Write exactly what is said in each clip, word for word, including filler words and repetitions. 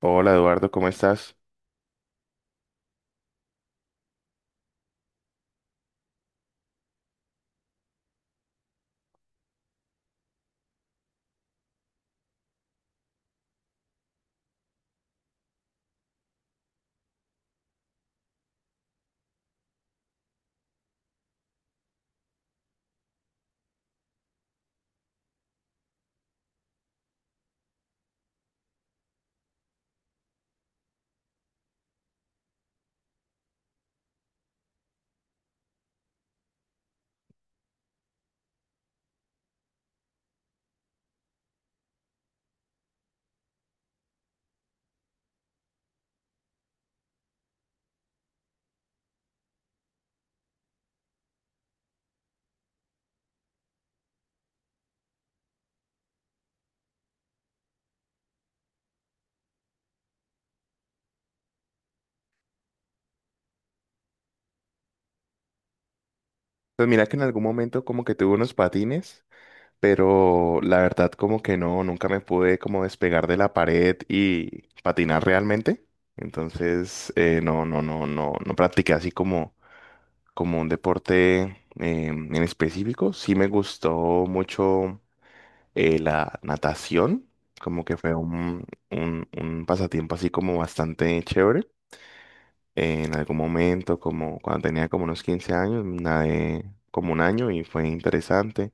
Hola Eduardo, ¿cómo estás? Pues mira que en algún momento como que tuve unos patines, pero la verdad como que no, nunca me pude como despegar de la pared y patinar realmente. Entonces, eh, no, no, no, no, no practiqué así como, como un deporte eh, en específico. Sí me gustó mucho eh, la natación, como que fue un, un un pasatiempo así como bastante chévere. En algún momento, como cuando tenía como unos quince años, nadé como un año y fue interesante.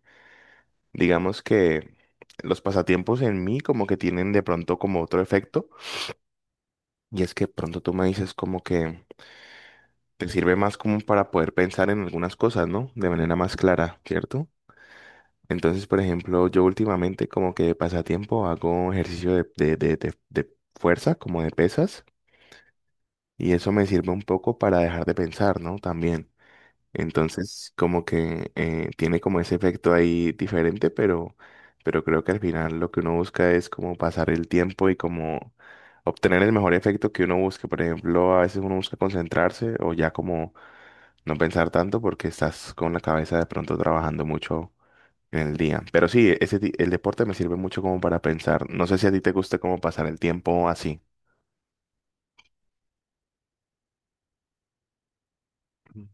Digamos que los pasatiempos en mí como que tienen de pronto como otro efecto y es que pronto tú me dices como que te sirve más como para poder pensar en algunas cosas, ¿no? De manera más clara, ¿cierto? Entonces, por ejemplo, yo últimamente como que de pasatiempo hago ejercicio de, de, de, de de fuerza, como de pesas, y eso me sirve un poco para dejar de pensar, ¿no? También. Entonces, como que eh, tiene como ese efecto ahí diferente, pero, pero creo que al final lo que uno busca es como pasar el tiempo y como obtener el mejor efecto que uno busque. Por ejemplo, a veces uno busca concentrarse o ya como no pensar tanto porque estás con la cabeza de pronto trabajando mucho en el día. Pero sí, ese, ti- el deporte me sirve mucho como para pensar. No sé si a ti te gusta como pasar el tiempo así. Mm.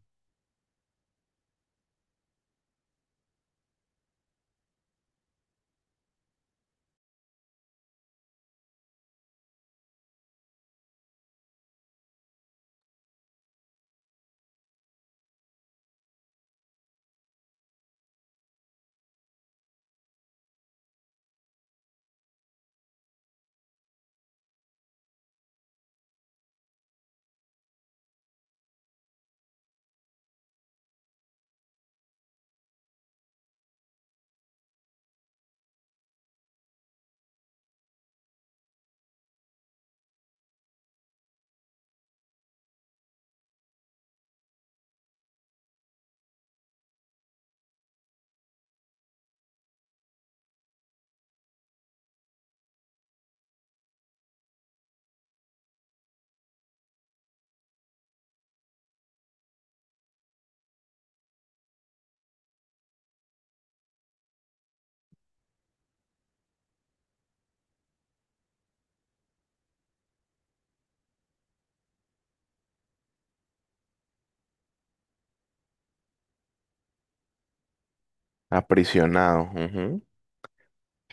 Aprisionado, ujú.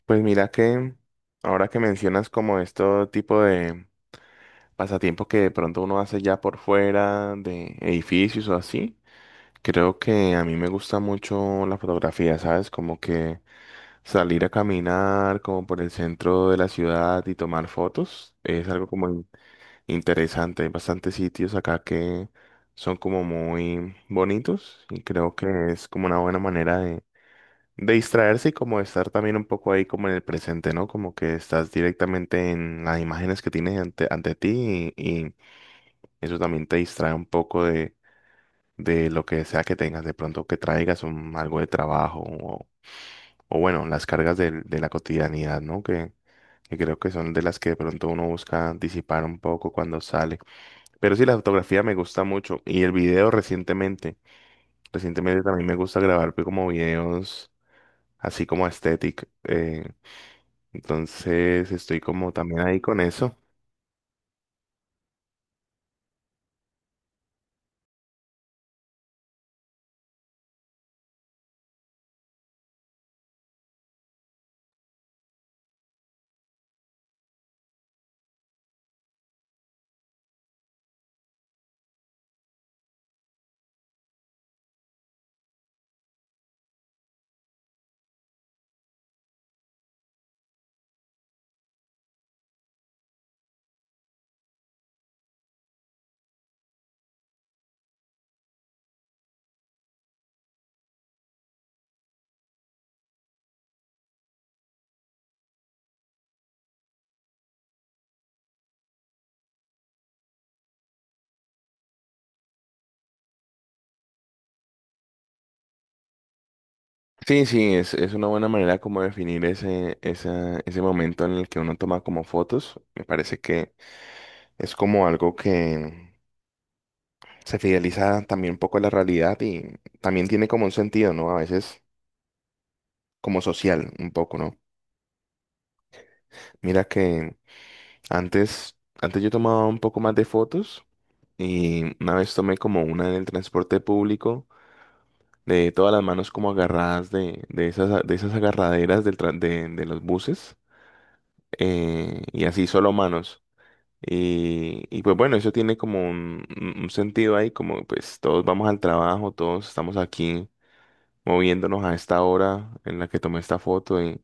Pues mira que ahora que mencionas como este tipo de pasatiempos que de pronto uno hace ya por fuera de edificios o así. Creo que a mí me gusta mucho la fotografía, ¿sabes? Como que salir a caminar como por el centro de la ciudad y tomar fotos es algo como in- interesante. Hay bastantes sitios acá que son como muy bonitos y creo que es como una buena manera de, de distraerse y como de estar también un poco ahí como en el presente, ¿no? Como que estás directamente en las imágenes que tienes ante, ante ti y eso también te distrae un poco de, de lo que sea que tengas, de pronto que traigas un, algo de trabajo o, o bueno, las cargas del- de la cotidianidad, ¿no? Que, que creo que son de las que de pronto uno busca disipar un poco cuando sale. Pero sí, la fotografía me gusta mucho y el video recientemente, recientemente también me gusta grabar pues, como videos así como aesthetic. eh, entonces estoy como también ahí con eso. Sí, sí, es, es una buena manera como definir ese, esa- ese momento en el que uno toma como fotos. Me parece que es como algo que se fideliza también un poco a la realidad y también tiene como un sentido, ¿no? A veces como social un poco, ¿no? Mira que antes, antes yo tomaba un poco más de fotos y una vez tomé como una en el transporte público de todas las manos como agarradas de, de esas, de esas agarraderas del, tran- de, de los buses eh, y así solo manos. Y, y pues bueno, eso tiene como un, un- un sentido ahí, como pues todos vamos al trabajo, todos estamos aquí moviéndonos a esta hora en la que tomé esta foto y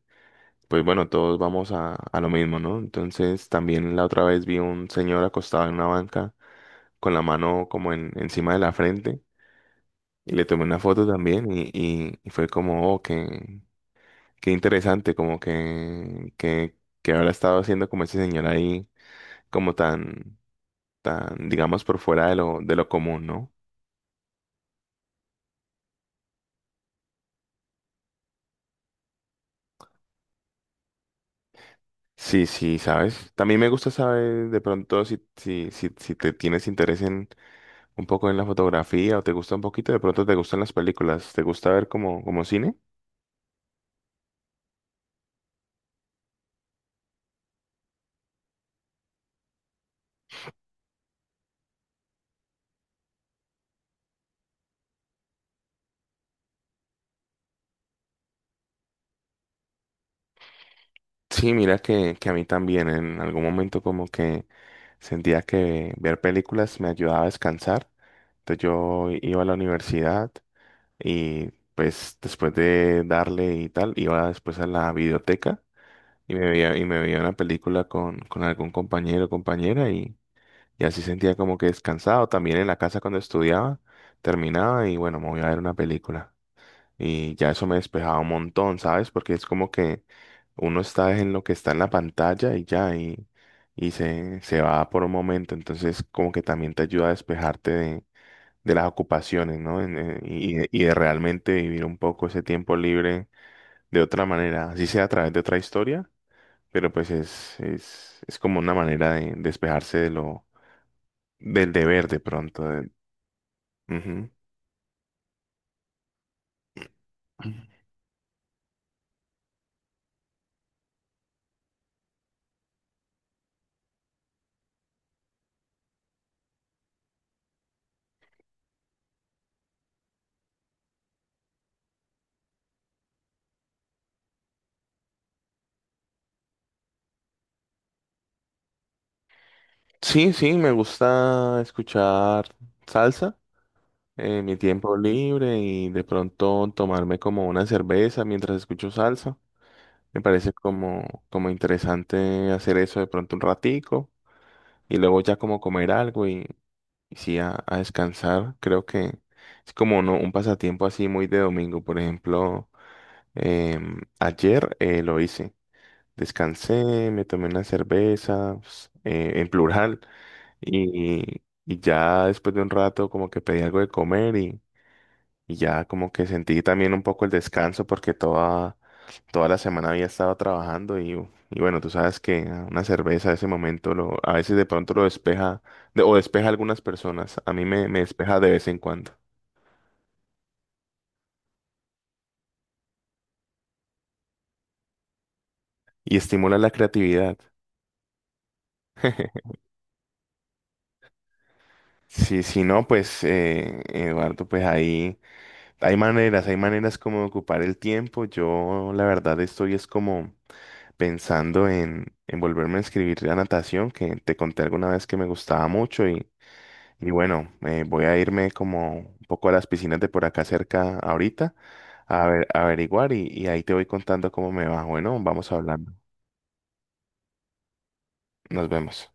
pues bueno, todos vamos a, a lo mismo, ¿no? Entonces también la otra vez vi un señor acostado en una banca con la mano como en, encima de la frente y le tomé una foto también y, y, y fue como, oh, qué, qué interesante, como que, que, que habrá estado haciendo como ese señor ahí, como tan... tan, digamos, por fuera de lo, de lo común, ¿no? Sí, sí, ¿sabes? También me gusta saber de pronto si, si, si, si te tienes interés en un poco en la fotografía o te gusta un poquito, de pronto te gustan las películas, ¿te gusta ver como, como cine? Sí, mira que, que a mí también en algún momento como que sentía que ver películas me ayudaba a descansar. Entonces yo iba a la universidad y pues después de darle y tal, iba después a la biblioteca y me veía, y me veía una película con, con algún compañero o compañera y, y así sentía como que descansado. También en la casa cuando estudiaba, terminaba y bueno, me voy a ver una película. Y ya eso me despejaba un montón, ¿sabes? Porque es como que uno está en lo que está en la pantalla y ya, y, y se, se va por un momento. Entonces como que también te ayuda a despejarte de, de las ocupaciones, ¿no? En- eh, y, y de- y de realmente vivir un poco ese tiempo libre de otra manera, así sea a través de otra historia pero pues es, es, es como una manera de despejarse de lo, del deber de pronto. De- Ujú. Sí, sí, me gusta escuchar salsa en mi tiempo libre y de pronto tomarme como una cerveza mientras escucho salsa. Me parece como, como interesante hacer eso de pronto un ratico y luego ya como comer algo y, y sí a, a descansar. Creo que es como no, un pasatiempo así muy de domingo, por ejemplo. Em, ayer eh, lo hice. Descansé, me tomé una cerveza, pues, eh, en plural, y, y ya después de un rato como que pedí algo de comer y, y ya como que sentí también un poco el descanso porque toda, toda la semana había estado trabajando y, y bueno, tú sabes que una cerveza a ese momento lo, a veces de pronto lo despeja de- o despeja a algunas personas. A mí me, me despeja de vez en cuando y estimula la creatividad. Sí, si no, pues eh, Eduardo, pues ahí. Hay maneras, hay maneras como de ocupar el tiempo. Yo la verdad estoy es como pensando en, en volverme a inscribir a natación, que te conté alguna vez que me gustaba mucho y, y bueno, eh, voy a irme como un poco a las piscinas de por acá cerca ahorita a ver, a averiguar y, y ahí te voy contando cómo me va. Bueno, vamos hablando. Nos vemos.